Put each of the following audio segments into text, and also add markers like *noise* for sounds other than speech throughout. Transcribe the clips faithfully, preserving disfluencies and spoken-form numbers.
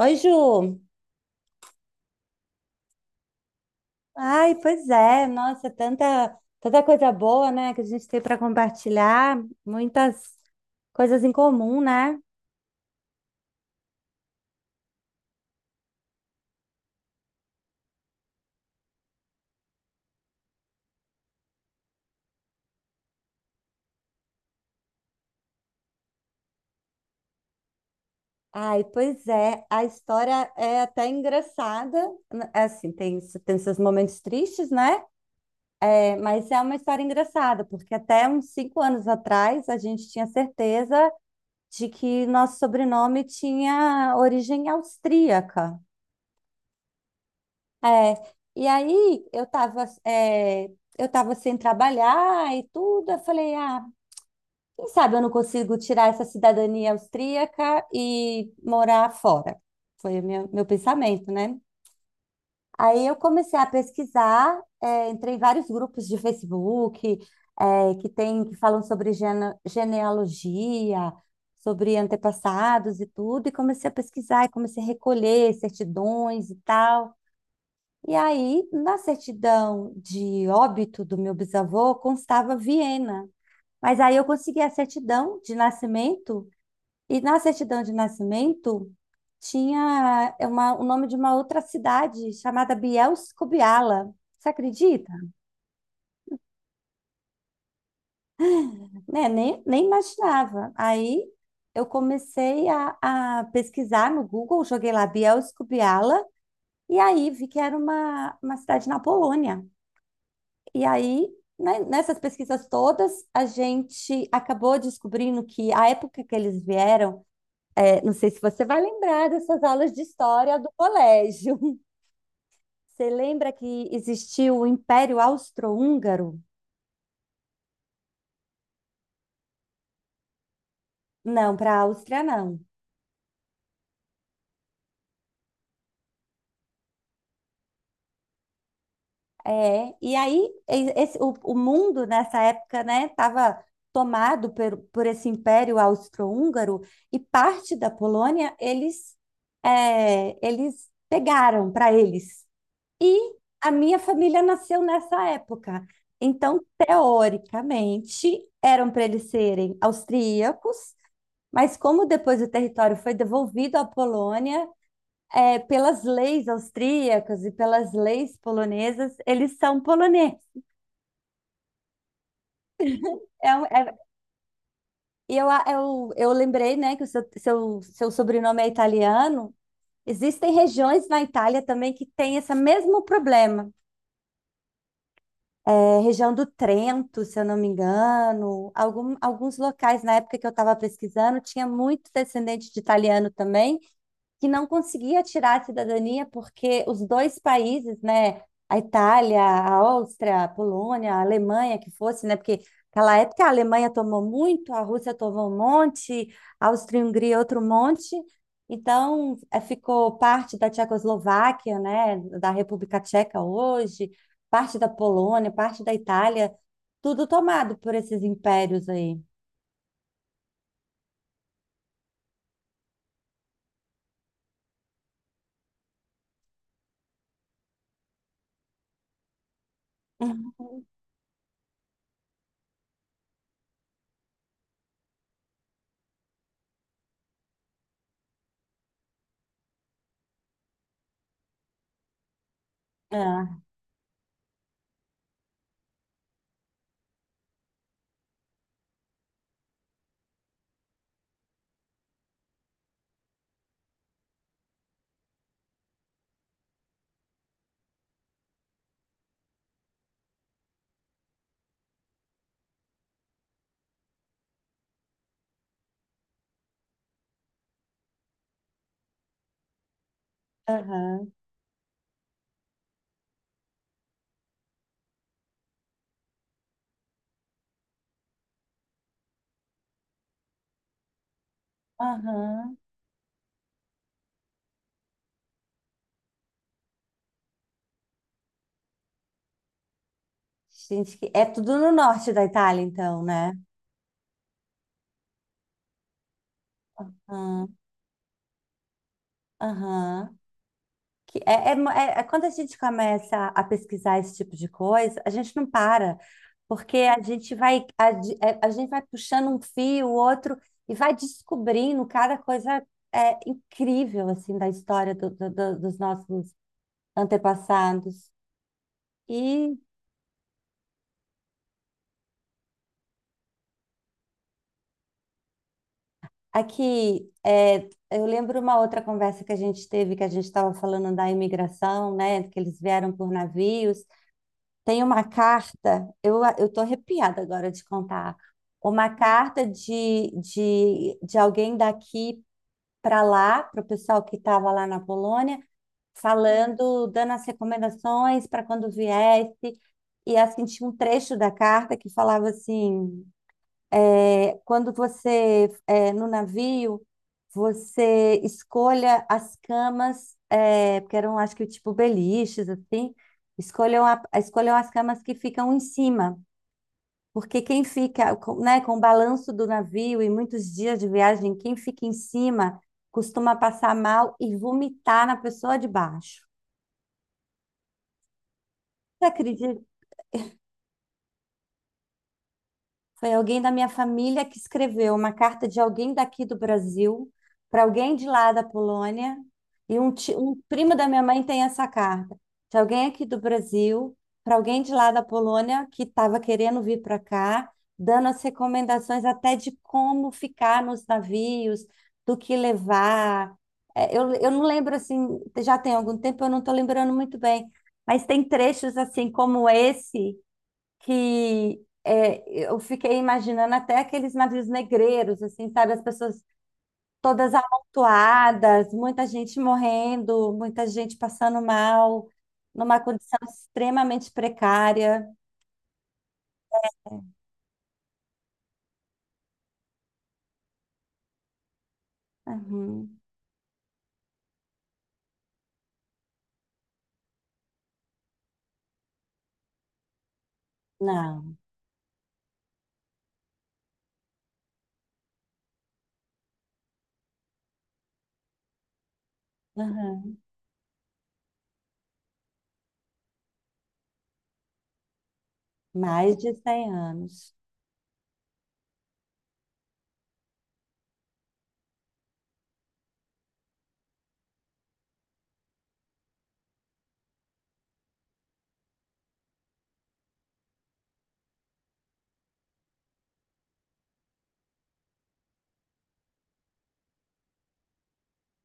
Oi, Ju. Ai, pois é. Nossa, tanta, tanta coisa boa, né, que a gente tem para compartilhar, muitas coisas em comum, né? Ai, pois é. A história é até engraçada. é Assim, tem, tem seus momentos tristes, né? É, mas é uma história engraçada, porque até uns cinco anos atrás a gente tinha certeza de que nosso sobrenome tinha origem austríaca. É, e aí eu tava, é, eu tava sem trabalhar e tudo. Eu falei, ah, quem sabe eu não consigo tirar essa cidadania austríaca e morar fora. Foi o meu, meu pensamento, né? Aí eu comecei a pesquisar, é, entrei em vários grupos de Facebook, é, que tem, que falam sobre gene- genealogia, sobre antepassados e tudo, e comecei a pesquisar, e comecei a recolher certidões e tal. E aí, na certidão de óbito do meu bisavô, constava Viena. Mas aí eu consegui a certidão de nascimento, e na certidão de nascimento tinha é uma- o nome de uma outra cidade chamada Bielsko-Biala. Você acredita? Né? Nem, nem imaginava. Aí eu comecei a, a pesquisar no Google, joguei lá Bielsko-Biala, e aí vi que era uma, uma cidade na Polônia. E aí, né, nessas pesquisas todas, a gente acabou descobrindo que a época que eles vieram, é, não sei se você vai lembrar dessas aulas de história do colégio. *laughs* Você lembra que existiu o Império Austro-Húngaro? Não, para a Áustria não. É, e aí e- esse- o, o mundo nessa época, né, estava tomado por, por esse Império Austro-Húngaro e parte da Polônia eles é, eles pegaram para eles. E a minha família nasceu nessa época. Então, teoricamente, eram para eles serem austríacos, mas como depois o território foi devolvido à Polônia, é pelas leis austríacas e pelas leis polonesas, eles são poloneses. É um- é- E eu, a- eu, eu lembrei, né, que o seu, seu, seu sobrenome é italiano. Existem regiões na Itália também que têm esse mesmo problema. é, região do Trento, se eu não me engano. Algum- alguns locais na época que eu estava pesquisando tinha muito descendente de italiano também que não conseguia tirar a cidadania porque os dois países, né, a Itália, a Áustria, a Polônia, a Alemanha, que fosse, né, porque naquela época a Alemanha tomou muito, a Rússia tomou um monte, a Áustria-Hungria outro monte, então eh, ficou parte da Tchecoslováquia, né, da República Tcheca hoje, parte da Polônia, parte da Itália, tudo tomado por esses impérios aí. Uhum. Ah, aham, aham. Gente, que- é tudo no norte da Itália, então, né? Ah, aham. Que é, é mo- é- é quando a gente começa a pesquisar esse tipo de coisa, a gente não para, porque a gente vai, a, di- é, a gente vai puxando um fio, o outro, e vai descobrindo cada coisa é, incrível, assim, da história do- do- do- dos nossos antepassados. E aqui, é, eu lembro uma outra conversa que a gente teve, que a gente estava falando da imigração, né? Que eles vieram por navios. Tem uma carta, eu, eu tô arrepiada agora de contar. Uma carta de, de, de alguém daqui para lá, para o pessoal que estava lá na Polônia, falando, dando as recomendações para quando viesse. E assim, tinha um trecho da carta que falava assim: é, Quando você, é, no navio, você escolha as camas, é, porque eram, acho que, tipo beliches, assim, escolham, a, escolham as camas que ficam em cima, porque quem fica, com- né, com o balanço do navio e muitos dias de viagem, quem fica em cima costuma passar mal e vomitar na pessoa de baixo. Você acredita? Foi alguém da minha família que escreveu uma carta de alguém daqui do Brasil para alguém de lá da Polônia. E um, ti- um primo da minha mãe tem essa carta de alguém aqui do Brasil para alguém de lá da Polônia que estava querendo vir para cá, dando as recomendações até de como ficar nos navios, do que levar. É, eu, eu não lembro assim, já tem algum tempo, eu não estou lembrando muito bem, mas tem trechos assim como esse que é, eu fiquei imaginando até aqueles navios negreiros, assim, sabe? As pessoas todas amontoadas, muita gente morrendo, muita gente passando mal, numa condição extremamente precária. Uhum. Não, uhum. Mais de cem anos.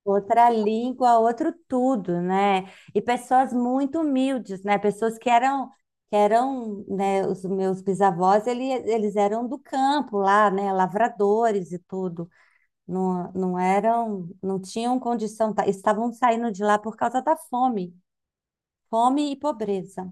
Outra língua, outro tudo, né? E pessoas muito humildes, né? Pessoas que eram, que eram, né? Os meus bisavós, ele, eles eram do campo lá, né? Lavradores e tudo. Não, não eram, não tinham condição, tá- estavam saindo de lá por causa da fome, fome e pobreza.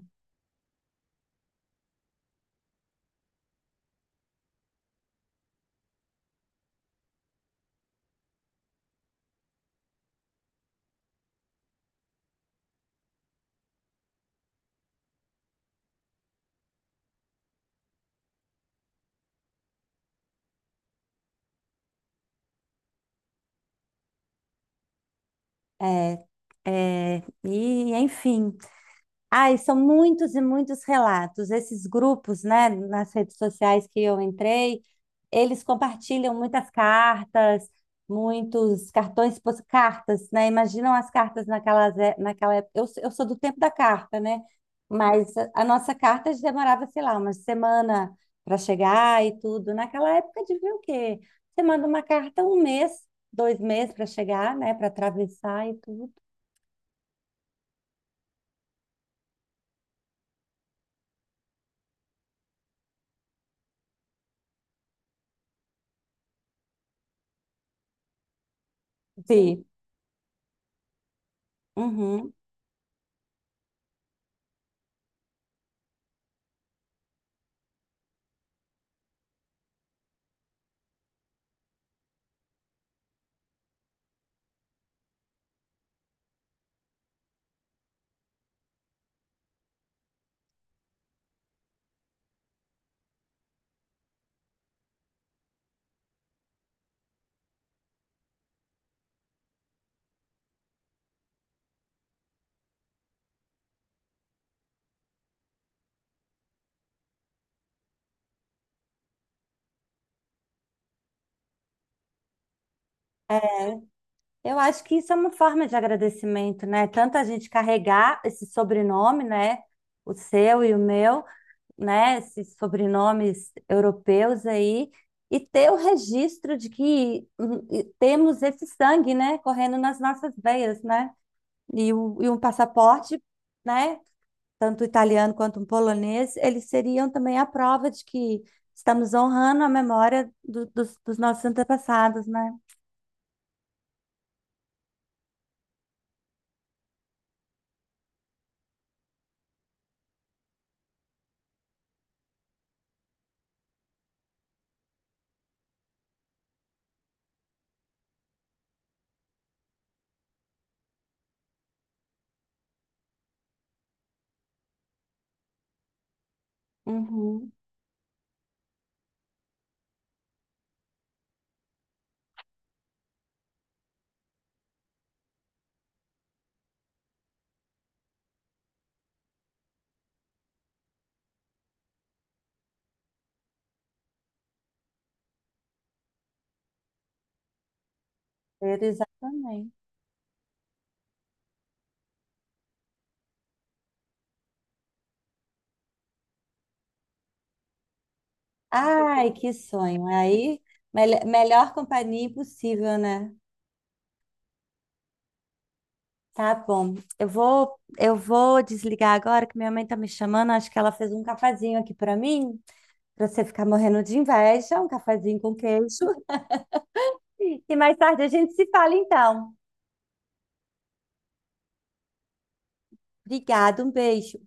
É, é, e enfim. Ai, são muitos e muitos relatos. Esses grupos, né, nas redes sociais que eu entrei, eles compartilham muitas cartas, muitos cartões, pos- cartas, né? Imaginam as cartas naquelas, é- naquela época. Eu, sou- eu sou do tempo da carta, né? Mas a a nossa carta demorava, sei lá, uma semana para chegar e tudo. Naquela época devia o quê? Você manda uma carta um mês, dois meses para chegar, né? Para atravessar e tudo. Sim. Eu acho que isso é uma forma de agradecimento, né? Tanto a gente carregar esse sobrenome, né? O seu e o meu, né? Esses sobrenomes europeus aí, e ter o registro de que hum, e temos esse sangue, né? Correndo nas nossas veias, né? E, o, e um passaporte, né? Tanto o italiano quanto o polonês, eles seriam também a prova de que estamos honrando a memória do- dos, dos nossos antepassados, né? Uhum. Exatamente. Ai, que sonho. Aí, mel- melhor companhia impossível, né? Tá bom. Eu vou, eu vou desligar agora que minha mãe tá me chamando. Acho que ela fez um cafazinho aqui pra mim, pra você ficar morrendo de inveja, um cafazinho com queijo. *laughs* E mais tarde a gente se fala então. Obrigada, um beijo.